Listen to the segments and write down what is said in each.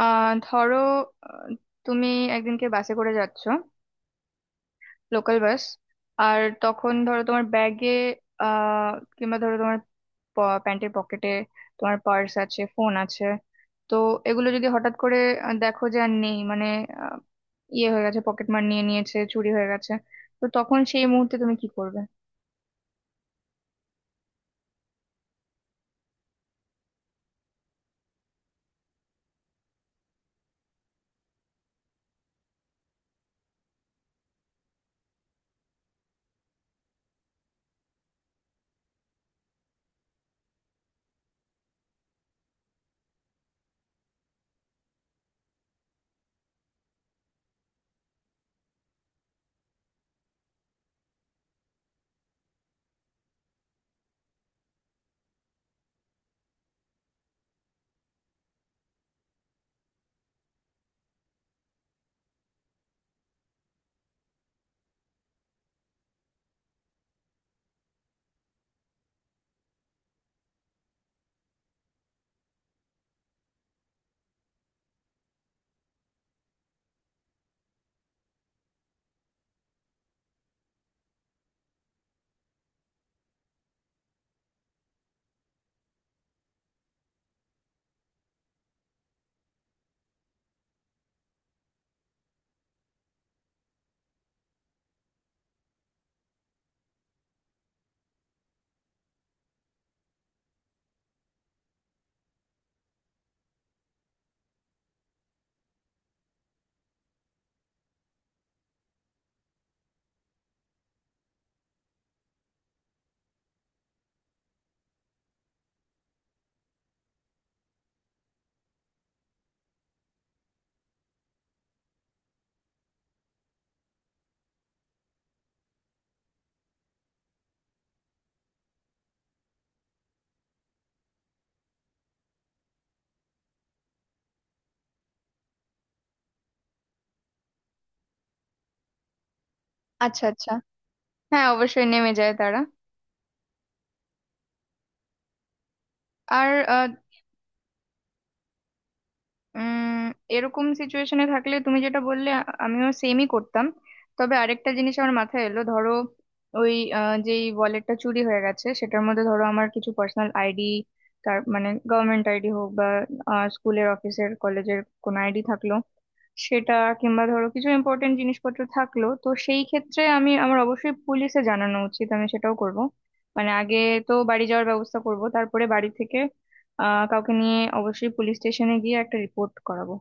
ধরো, আহ, তুমি একদিনকে বাসে করে যাচ্ছো, লোকাল বাস। আর তখন ধরো, তোমার ব্যাগে আহ কিংবা ধরো তোমার প্যান্টের পকেটে তোমার পার্স আছে, ফোন আছে। তো এগুলো যদি হঠাৎ করে দেখো যে আর নেই, মানে আহ, ইয়ে হয়ে গেছে, পকেট মার নিয়ে নিয়েছে, চুরি হয়ে গেছে, তো তখন সেই মুহূর্তে তুমি কি করবে? আচ্ছা, আচ্ছা। হ্যাঁ, অবশ্যই নেমে যায় তারা। আর উম এরকম সিচুয়েশনে থাকলে তুমি যেটা বললে, আমিও সেমই করতাম। তবে আরেকটা জিনিস আমার মাথায় এলো, ধরো ওই যেই ওয়ালেটটা চুরি হয়ে গেছে সেটার মধ্যে ধরো আমার কিছু পার্সোনাল আইডি, তার মানে গভর্নমেন্ট আইডি হোক বা স্কুলের, অফিসের, কলেজের কোনো আইডি থাকলো সেটা, কিংবা ধরো কিছু ইম্পর্টেন্ট জিনিসপত্র থাকলো, তো সেই ক্ষেত্রে আমি আমার অবশ্যই পুলিশে জানানো উচিত, আমি সেটাও করব। মানে আগে তো বাড়ি যাওয়ার ব্যবস্থা করব, তারপরে বাড়ি থেকে কাউকে নিয়ে অবশ্যই পুলিশ স্টেশনে গিয়ে একটা রিপোর্ট করাবো।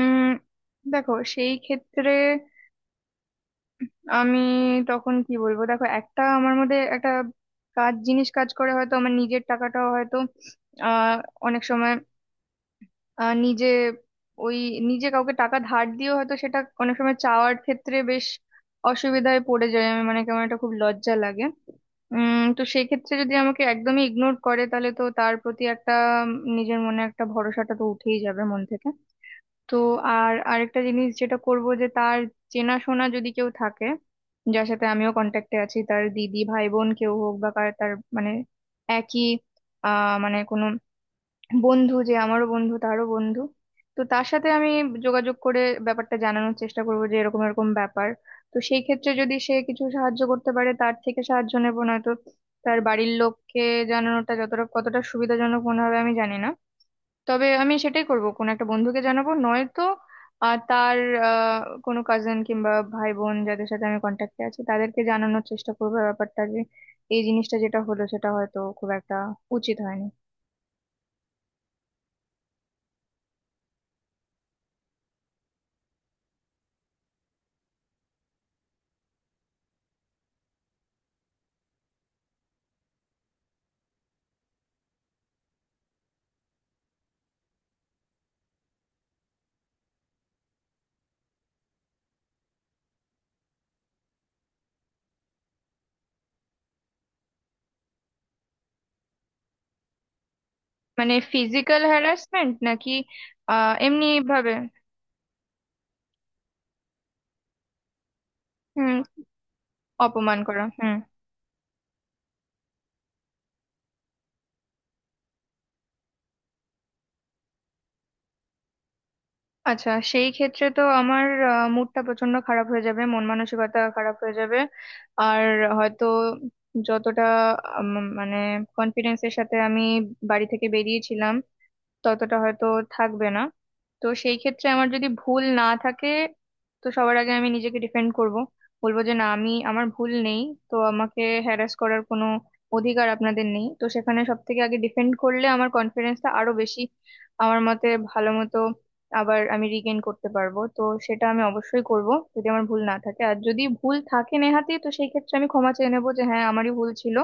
উম দেখো, সেই ক্ষেত্রে আমি তখন কি বলবো, দেখো একটা আমার মধ্যে একটা কাজ জিনিস কাজ করে, হয়তো আমার নিজের টাকাটাও হয়তো আহ অনেক সময় আহ নিজে ওই নিজে কাউকে টাকা ধার দিয়েও হয়তো সেটা অনেক সময় চাওয়ার ক্ষেত্রে বেশ অসুবিধায় পড়ে যায়, আমি মানে কেমন একটা খুব লজ্জা লাগে। তো সেই ক্ষেত্রে যদি আমাকে একদমই ইগনোর করে তাহলে তো তার প্রতি একটা নিজের মনে একটা ভরসাটা তো উঠেই যাবে মন থেকে। তো আর আরেকটা জিনিস যেটা করব, যে তার চেনাশোনা যদি কেউ থাকে, যার সাথে আমিও কন্ট্যাক্টে আছি, তার দিদি, ভাই, বোন কেউ হোক বা তার মানে একই মানে কোনো বন্ধু, যে আমারও বন্ধু তারও বন্ধু, তো তার সাথে আমি যোগাযোগ করে ব্যাপারটা জানানোর চেষ্টা করব যে এরকম এরকম ব্যাপার। তো সেই ক্ষেত্রে যদি সে কিছু সাহায্য করতে পারে তার থেকে সাহায্য নেবো, নয়তো তার বাড়ির লোককে জানানোটা যতটা কতটা সুবিধাজনক মনে হবে আমি জানি না, তবে আমি সেটাই করব, কোন একটা বন্ধুকে জানাবো, নয়তো আর তার আহ, কোনো কাজিন কিংবা ভাই বোন যাদের সাথে আমি কন্ট্যাক্টে আছি তাদেরকে জানানোর চেষ্টা করবো ব্যাপারটা, যে এই জিনিসটা যেটা হলো সেটা হয়তো খুব একটা উচিত হয়নি। মানে ফিজিক্যাল হ্যারাসমেন্ট নাকি এমনি ভাবে? হুম, অপমান করা, হুম। আচ্ছা, সেই ক্ষেত্রে তো আমার মুডটা প্রচন্ড খারাপ হয়ে যাবে, মন মানসিকতা খারাপ হয়ে যাবে। আর হয়তো যতটা মানে কনফিডেন্সের সাথে আমি বাড়ি থেকে বেরিয়েছিলাম ততটা হয়তো থাকবে না। তো সেই ক্ষেত্রে আমার যদি ভুল না থাকে, তো সবার আগে আমি নিজেকে ডিফেন্ড করব, বলবো যে না, আমি, আমার ভুল নেই, তো আমাকে হ্যারাস করার কোনো অধিকার আপনাদের নেই, তো সেখানে সব থেকে আগে ডিফেন্ড করলে আমার কনফিডেন্সটা আরো বেশি, আমার মতে ভালো মতো, আবার আমি রিগেইন করতে পারবো, তো সেটা আমি অবশ্যই করব যদি আমার ভুল না থাকে। আর যদি ভুল থাকে নেহাতি তো সেই ক্ষেত্রে আমি ক্ষমা চেয়ে নেবো, যে হ্যাঁ, আমারই ভুল ছিল।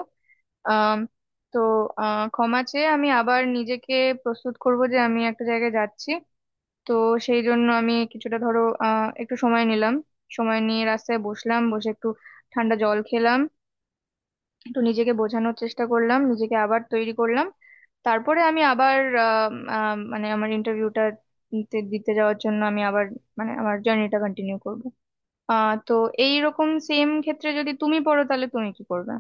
তো ক্ষমা চেয়ে আমি আবার নিজেকে প্রস্তুত করব যে আমি একটা জায়গায় যাচ্ছি, তো সেই জন্য আমি কিছুটা ধরো একটু সময় নিলাম, সময় নিয়ে রাস্তায় বসলাম, বসে একটু ঠান্ডা জল খেলাম, একটু নিজেকে বোঝানোর চেষ্টা করলাম, নিজেকে আবার তৈরি করলাম, তারপরে আমি আবার আহ, আহ, মানে আমার ইন্টারভিউটা দিতে দিতে যাওয়ার জন্য আমি আবার, মানে আমার জার্নিটা কন্টিনিউ করব। তো এইরকম সেম ক্ষেত্রে যদি তুমি পড়ো তাহলে তুমি কি করবে?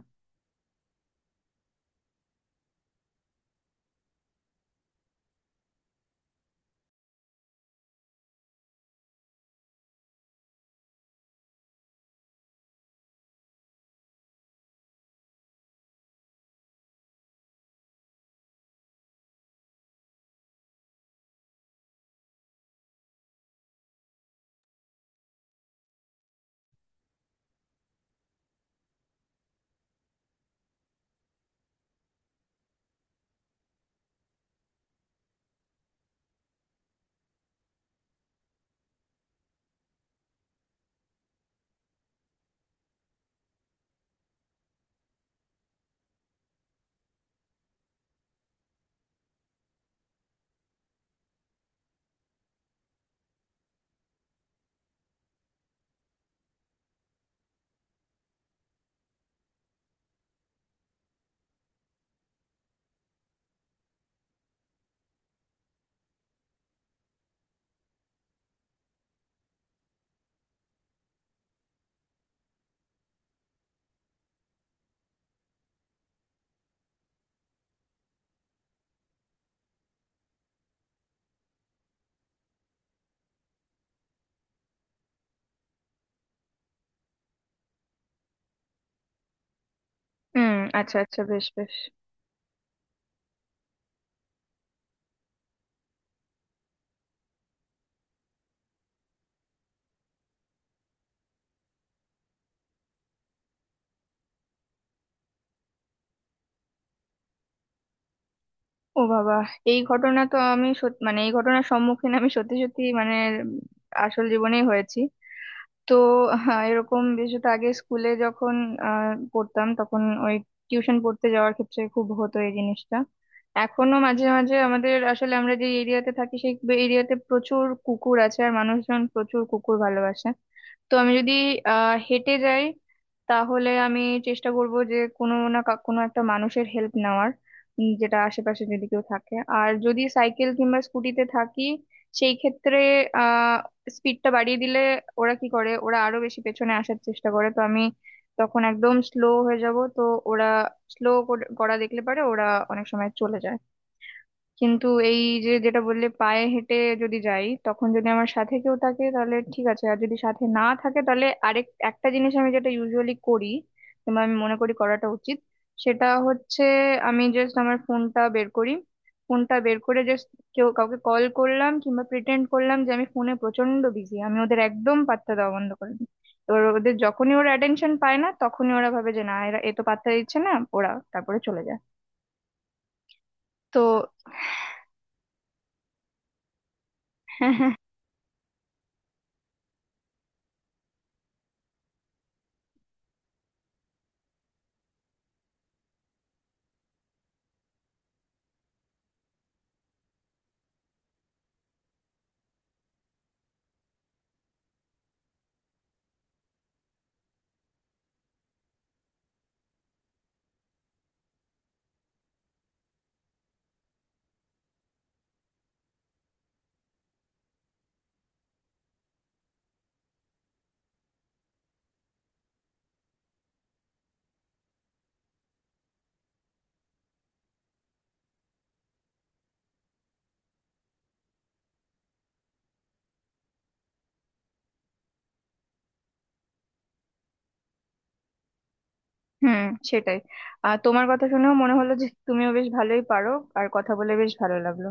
হুম। আচ্ছা, আচ্ছা, বেশ, বেশ। ও বাবা! এই ঘটনা তো আমি মানে এই ঘটনার সম্মুখীন আমি সত্যি সত্যি, মানে আসল জীবনেই হয়েছি। তো হ্যাঁ, এরকম বিশেষত আগে স্কুলে যখন পড়তাম তখন ওই টিউশন পড়তে যাওয়ার ক্ষেত্রে খুব হতো এই জিনিসটা। এখনো মাঝে মাঝে আমাদের, আসলে আমরা যে এরিয়াতে থাকি সেই এরিয়াতে প্রচুর কুকুর আছে আর মানুষজন প্রচুর কুকুর ভালোবাসে। তো আমি যদি হেঁটে যাই তাহলে আমি চেষ্টা করব যে কোনো না কোনো একটা মানুষের হেল্প নেওয়ার, যেটা আশেপাশে যদি কেউ থাকে। আর যদি সাইকেল কিংবা স্কুটিতে থাকি সেই ক্ষেত্রে আহ স্পিডটা বাড়িয়ে দিলে ওরা কি করে, ওরা আরো বেশি পেছনে আসার চেষ্টা করে, তো আমি তখন একদম স্লো হয়ে যাব, তো ওরা স্লো করা দেখলে পারে, ওরা অনেক সময় চলে যায়। কিন্তু এই যে যেটা বললে পায়ে হেঁটে যদি যাই, তখন যদি আমার সাথে কেউ থাকে তাহলে ঠিক আছে, আর যদি সাথে না থাকে তাহলে আরেক একটা জিনিস আমি যেটা ইউজুয়ালি করি, কিংবা আমি মনে করি করাটা উচিত, সেটা হচ্ছে আমি জাস্ট আমার ফোনটা বের করি, ফোনটা বের করে জাস্ট কেউ কাউকে কল করলাম কিংবা প্রিটেন্ড করলাম যে আমি ফোনে প্রচন্ড বিজি, আমি ওদের একদম পাত্তা দেওয়া বন্ধ করে দিই। এবার ওদের, যখনই ওরা অ্যাটেনশন পায় না তখনই ওরা ভাবে যে না, এরা এ তো পাত্তা দিচ্ছে না, ওরা তারপরে চলে যায়। তো হুম, সেটাই। আর তোমার কথা শুনেও মনে হলো যে তুমিও বেশ ভালোই পারো। আর কথা বলে বেশ ভালো লাগলো।